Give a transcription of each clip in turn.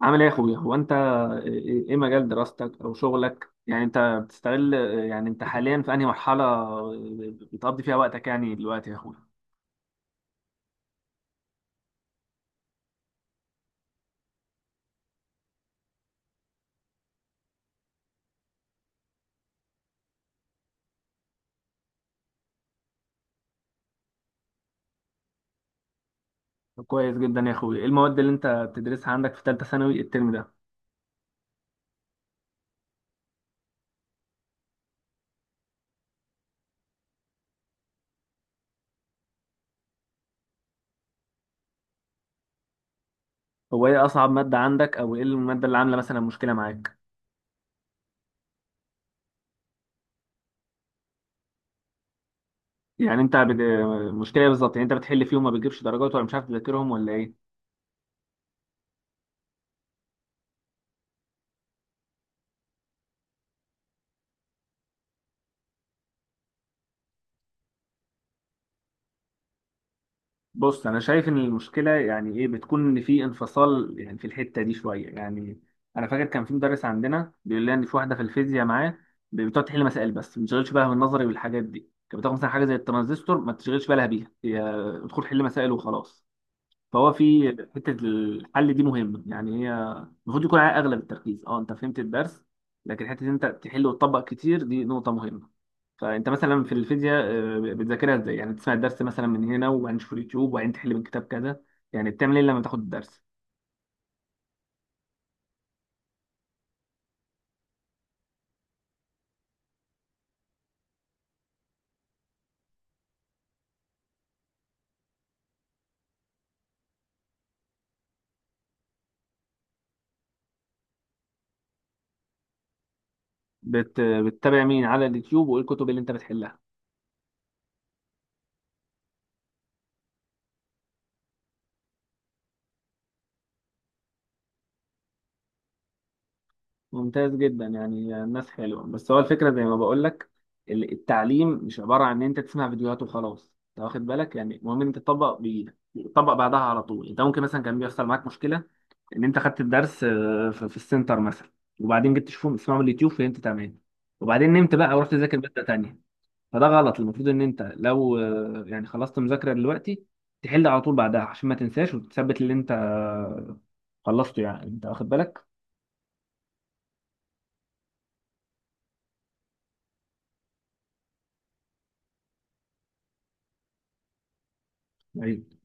عامل ايه يا اخويا؟ هو انت ايه مجال دراستك او شغلك؟ يعني انت بتستغل، يعني انت حاليا في انهي مرحله بتقضي فيها وقتك يعني دلوقتي يا اخويا؟ طب كويس جدا يا اخويا. ايه المواد اللي انت بتدرسها عندك في ثالثه ثانوي الترم ده؟ هو ايه اصعب ماده عندك، او ايه الماده اللي عامله مثلا مشكله معاك؟ يعني انت بت... مشكله إيه بالظبط؟ يعني انت بتحل فيهم ما بتجيبش درجات، ولا مش عارف تذاكرهم، ولا ايه؟ بص، انا شايف ان المشكله ايه بتكون، ان في انفصال يعني في الحته دي شويه. يعني انا فاكر كان في مدرس عندنا بيقول لنا ان في واحده في الفيزياء معاه بتقعد تحل مسائل بس ما بتشغلش بالها بالنظري والحاجات دي، كانت بتاخد مثلا حاجه زي الترانزستور ما تشغلش بالها بيها، هي ادخل حل مسائل وخلاص. فهو في حتة الحل دي مهمة، يعني هي المفروض يكون عليها أغلب التركيز. أه، أنت فهمت الدرس، لكن حتة إن أنت تحل وتطبق كتير دي نقطة مهمة. فأنت مثلا في الفيزياء، بتذاكرها إزاي؟ يعني تسمع الدرس مثلا من هنا وبعدين تشوف اليوتيوب وبعدين تحل من كتاب كذا، يعني بتعمل إيه لما تاخد الدرس؟ بتتابع مين على اليوتيوب، وإيه الكتب اللي أنت بتحلها؟ ممتاز جدا، يعني الناس حلوة. بس هو الفكرة زي ما بقول لك، التعليم مش عبارة عن ان انت تسمع فيديوهات وخلاص، انت واخد بالك؟ يعني المهم ان انت تطبق بايدك، تطبق بعدها على طول. انت ممكن مثلا كان بيحصل معاك مشكلة، ان انت خدت الدرس في السنتر مثلا، وبعدين جبت تشوفه تسمعه من اليوتيوب فهمت تمام، وبعدين نمت بقى ورحت تذاكر مادة تانية. فده غلط. المفروض ان انت لو يعني خلصت مذاكرة دلوقتي، تحل على طول بعدها عشان ما تنساش، وتثبت اللي انت خلصته. يعني انت واخد بالك؟ طيب.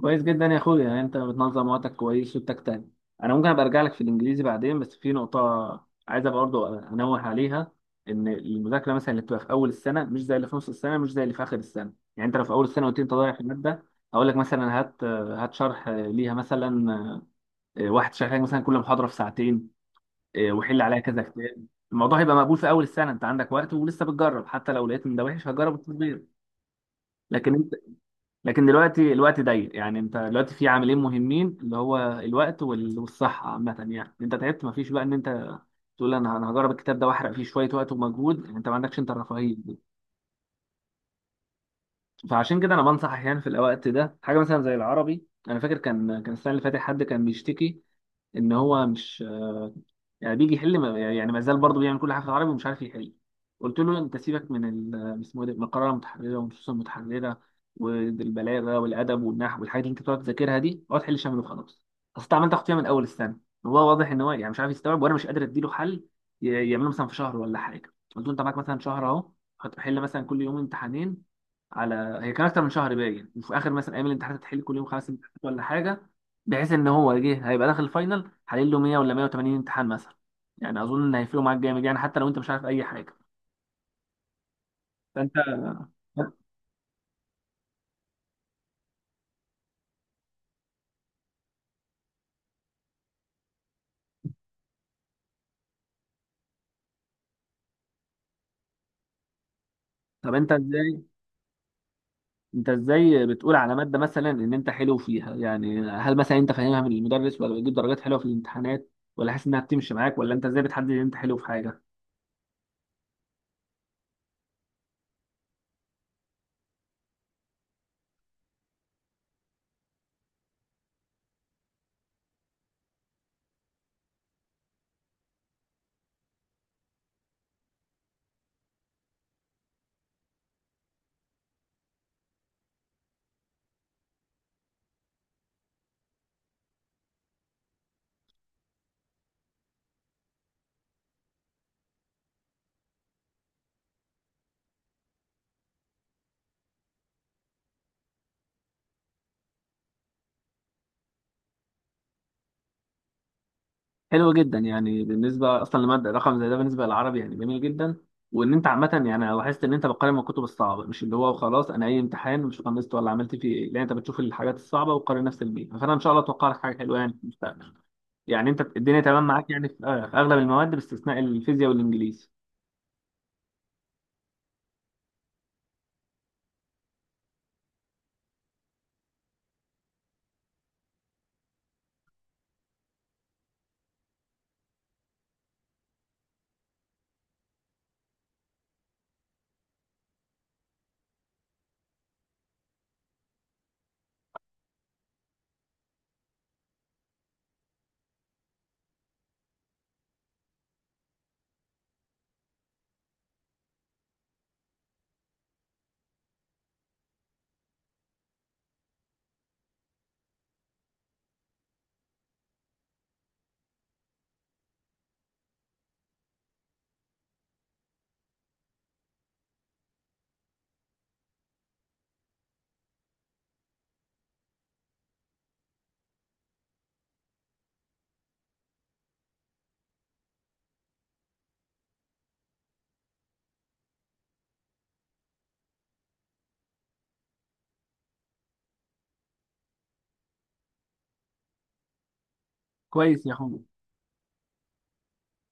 كويس جدا يا اخويا، يعني انت بتنظم وقتك كويس وبتجتهد. انا ممكن ابقى ارجع لك في الانجليزي بعدين، بس في نقطه عايز ابقى برضه انوه عليها: ان المذاكره مثلا اللي بتبقى في اول السنه مش زي اللي في نص السنه، مش زي اللي في اخر السنه. يعني انت لو في اول السنه قلت لي انت ضايع في الماده، اقول لك مثلا هات شرح ليها مثلا، واحد شرح لك مثلا كل محاضره في ساعتين، وحل عليها كذا كتاب. الموضوع هيبقى مقبول في اول السنه، انت عندك وقت ولسه بتجرب، حتى لو لقيت ان ده وحش هجرب التطبيق. لكن لكن دلوقتي الوقت ضيق. يعني انت دلوقتي في عاملين مهمين، اللي هو الوقت والصحة عامة. يعني انت تعبت، مفيش بقى ان انت تقول انا هجرب الكتاب ده واحرق فيه شوية وقت ومجهود. يعني انت ما عندكش انت الرفاهية دي. فعشان كده انا بنصح احيانا في الوقت ده حاجة مثلا زي العربي. انا فاكر كان السنة اللي فاتت حد كان بيشتكي ان هو مش، يعني بيجي يحل يعني ما زال برضه بيعمل كل حاجه في العربي ومش عارف يحل. قلت له انت سيبك من ال- اسمه إيه ده من القراءه المتحرره والنصوص المتحرره والبلاغه والادب والنحو والحاجات اللي انت بتقعد تذاكرها دي، اقعد حل شامل وخلاص. اصل أنت عمال تاخد فيها من اول السنه وهو واضح ان هو يعني مش عارف يستوعب، وانا مش قادر اديله حل يعمله مثلا في شهر ولا حاجه. قلت له انت معاك مثلا شهر اهو، هتحل مثلا كل يوم امتحانين. على هي كان اكتر من شهر باين. وفي اخر مثلا ايام الامتحانات هتحل كل يوم خمس امتحانات ولا حاجه، بحيث ان هو جه هيبقى داخل الفاينل حلل له 100 ولا 180 امتحان مثلا. يعني اظن ان هيفرقوا معاك جامد، يعني حتى لو انت مش عارف اي حاجه. فانت، طب انت ازاي، انت ازاي بتقول على ماده مثلا ان انت حلو فيها؟ يعني هل مثلا انت فاهمها من المدرس، ولا بتجيب درجات حلوه في الامتحانات، ولا حاسس انها بتمشي معاك، ولا انت ازاي بتحدد ان انت حلو في حاجه؟ حلو جدا، يعني بالنسبه اصلا لماده رقم زي ده بالنسبه للعربي يعني جميل جدا. وان انت عامه، يعني أنا لاحظت ان انت بتقارن من الكتب الصعبه، مش اللي هو خلاص انا اي امتحان مش خلصت ولا عملت فيه ايه، لا، انت بتشوف الحاجات الصعبه وتقارن نفس البيئه. فانا ان شاء الله اتوقع لك حاجه حلوه يعني في المستقبل. يعني انت الدنيا تمام معاك، يعني في في اغلب المواد باستثناء الفيزياء والانجليزي. كويس يا حمد.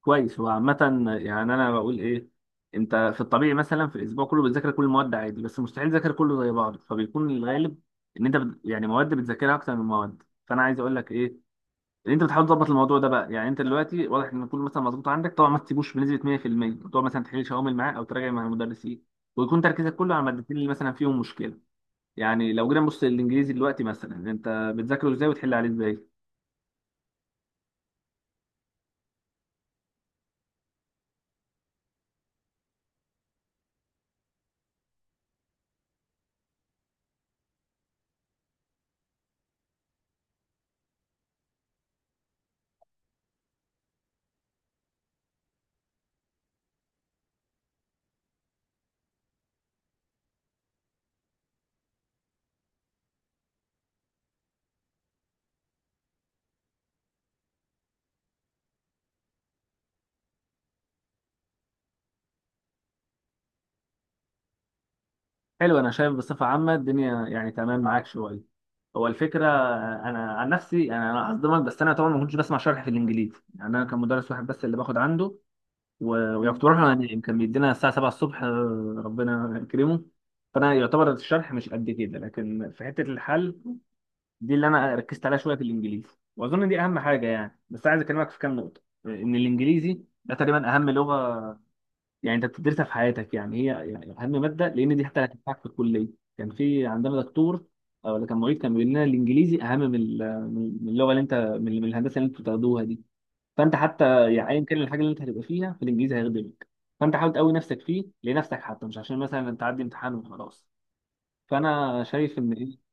كويس هو عامة. يعني انا بقول ايه، انت في الطبيعي مثلا في الاسبوع كله بتذاكر كل المواد عادي، بس مستحيل تذاكر كله زي بعض، فبيكون الغالب ان انت يعني مواد بتذاكرها اكتر من مواد. فانا عايز اقول لك ايه، ان انت بتحاول تظبط الموضوع ده بقى. يعني انت دلوقتي واضح ان كله مثلا مظبوط عندك، طبعا ما تسيبوش بنسبة 100%، تقعد مثلا تحل شوامل معاه او تراجع مع المدرسين، ويكون تركيزك كله على المادتين اللي مثلا فيهم مشكلة. يعني لو جينا نبص للانجليزي دلوقتي، مثلا انت بتذاكره ازاي وتحل عليه ازاي؟ حلو. انا شايف بصفه عامه الدنيا يعني تمام معاك شويه. هو الفكره، انا عن نفسي، يعني انا هصدمك، بس انا طبعا ما كنتش بسمع شرح في الانجليزي. يعني انا كان مدرس واحد بس اللي باخد عنده، ويعني كنت بروح له انام، كان بيدينا الساعه 7 الصبح، ربنا يكرمه. فانا يعتبر الشرح مش قد كده، لكن في حته الحل دي اللي انا ركزت عليها شويه في الانجليزي. واظن دي اهم حاجه. يعني بس عايز اكلمك في كام نقطه، ان الانجليزي ده تقريبا اهم لغه يعني انت بتدرسها في حياتك، يعني هي يعني اهم ماده، لان دي حتى اللي هتنفعك في الكليه. كان في عندنا دكتور او اللي كان معيد كان بيقول لنا الانجليزي اهم من من اللغه اللي انت من الهندسه اللي انتوا بتاخدوها دي. فانت حتى يعني ايا كان الحاجه اللي انت هتبقى فيها، فالانجليزي هيخدمك. فانت حاول تقوي نفسك فيه لنفسك حتى، مش عشان مثلا انت تعدي امتحان وخلاص. فانا شايف ان إيه؟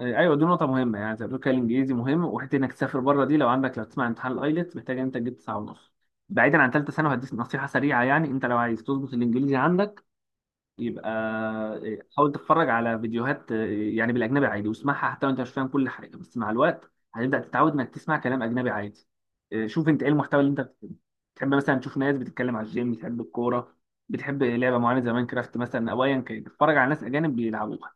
ايوه، دي نقطة مهمة. يعني زي ما بتقول كده، الانجليزي مهم، وحتة انك تسافر بره دي لو عندك، لو تسمع امتحان الايلتس، محتاج إن انت تجيب 9.5. بعيدا عن ثالثة ثانوي، هديك نصيحة سريعة. يعني انت لو عايز تظبط الانجليزي عندك، يبقى حاول تتفرج على فيديوهات يعني بالاجنبي عادي، واسمعها حتى لو انت مش فاهم كل حاجة. بس مع الوقت هتبدأ تتعود انك تسمع كلام اجنبي عادي. شوف انت ايه المحتوى اللي انت بتحبه. تحب مثلا تشوف ناس بتتكلم على الجيم، بتحب الكورة، بتحب لعبة معينة زي ماينكرافت مثلا، او ايا كان، اتفرج على ناس اجانب بيلعبوها.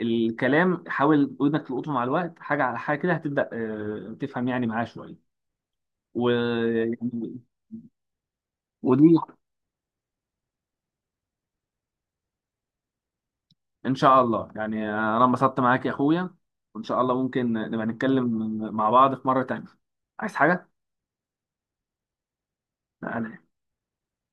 الكلام حاول ودنك تلقطه، مع الوقت حاجه على حاجه كده هتبدا تفهم يعني معاه شويه. و... يعني- ودي ان شاء الله. يعني انا انبسطت معاك يا اخويا، وان شاء الله ممكن نبقى نتكلم مع بعض في مره تانيه. عايز حاجه؟ لا،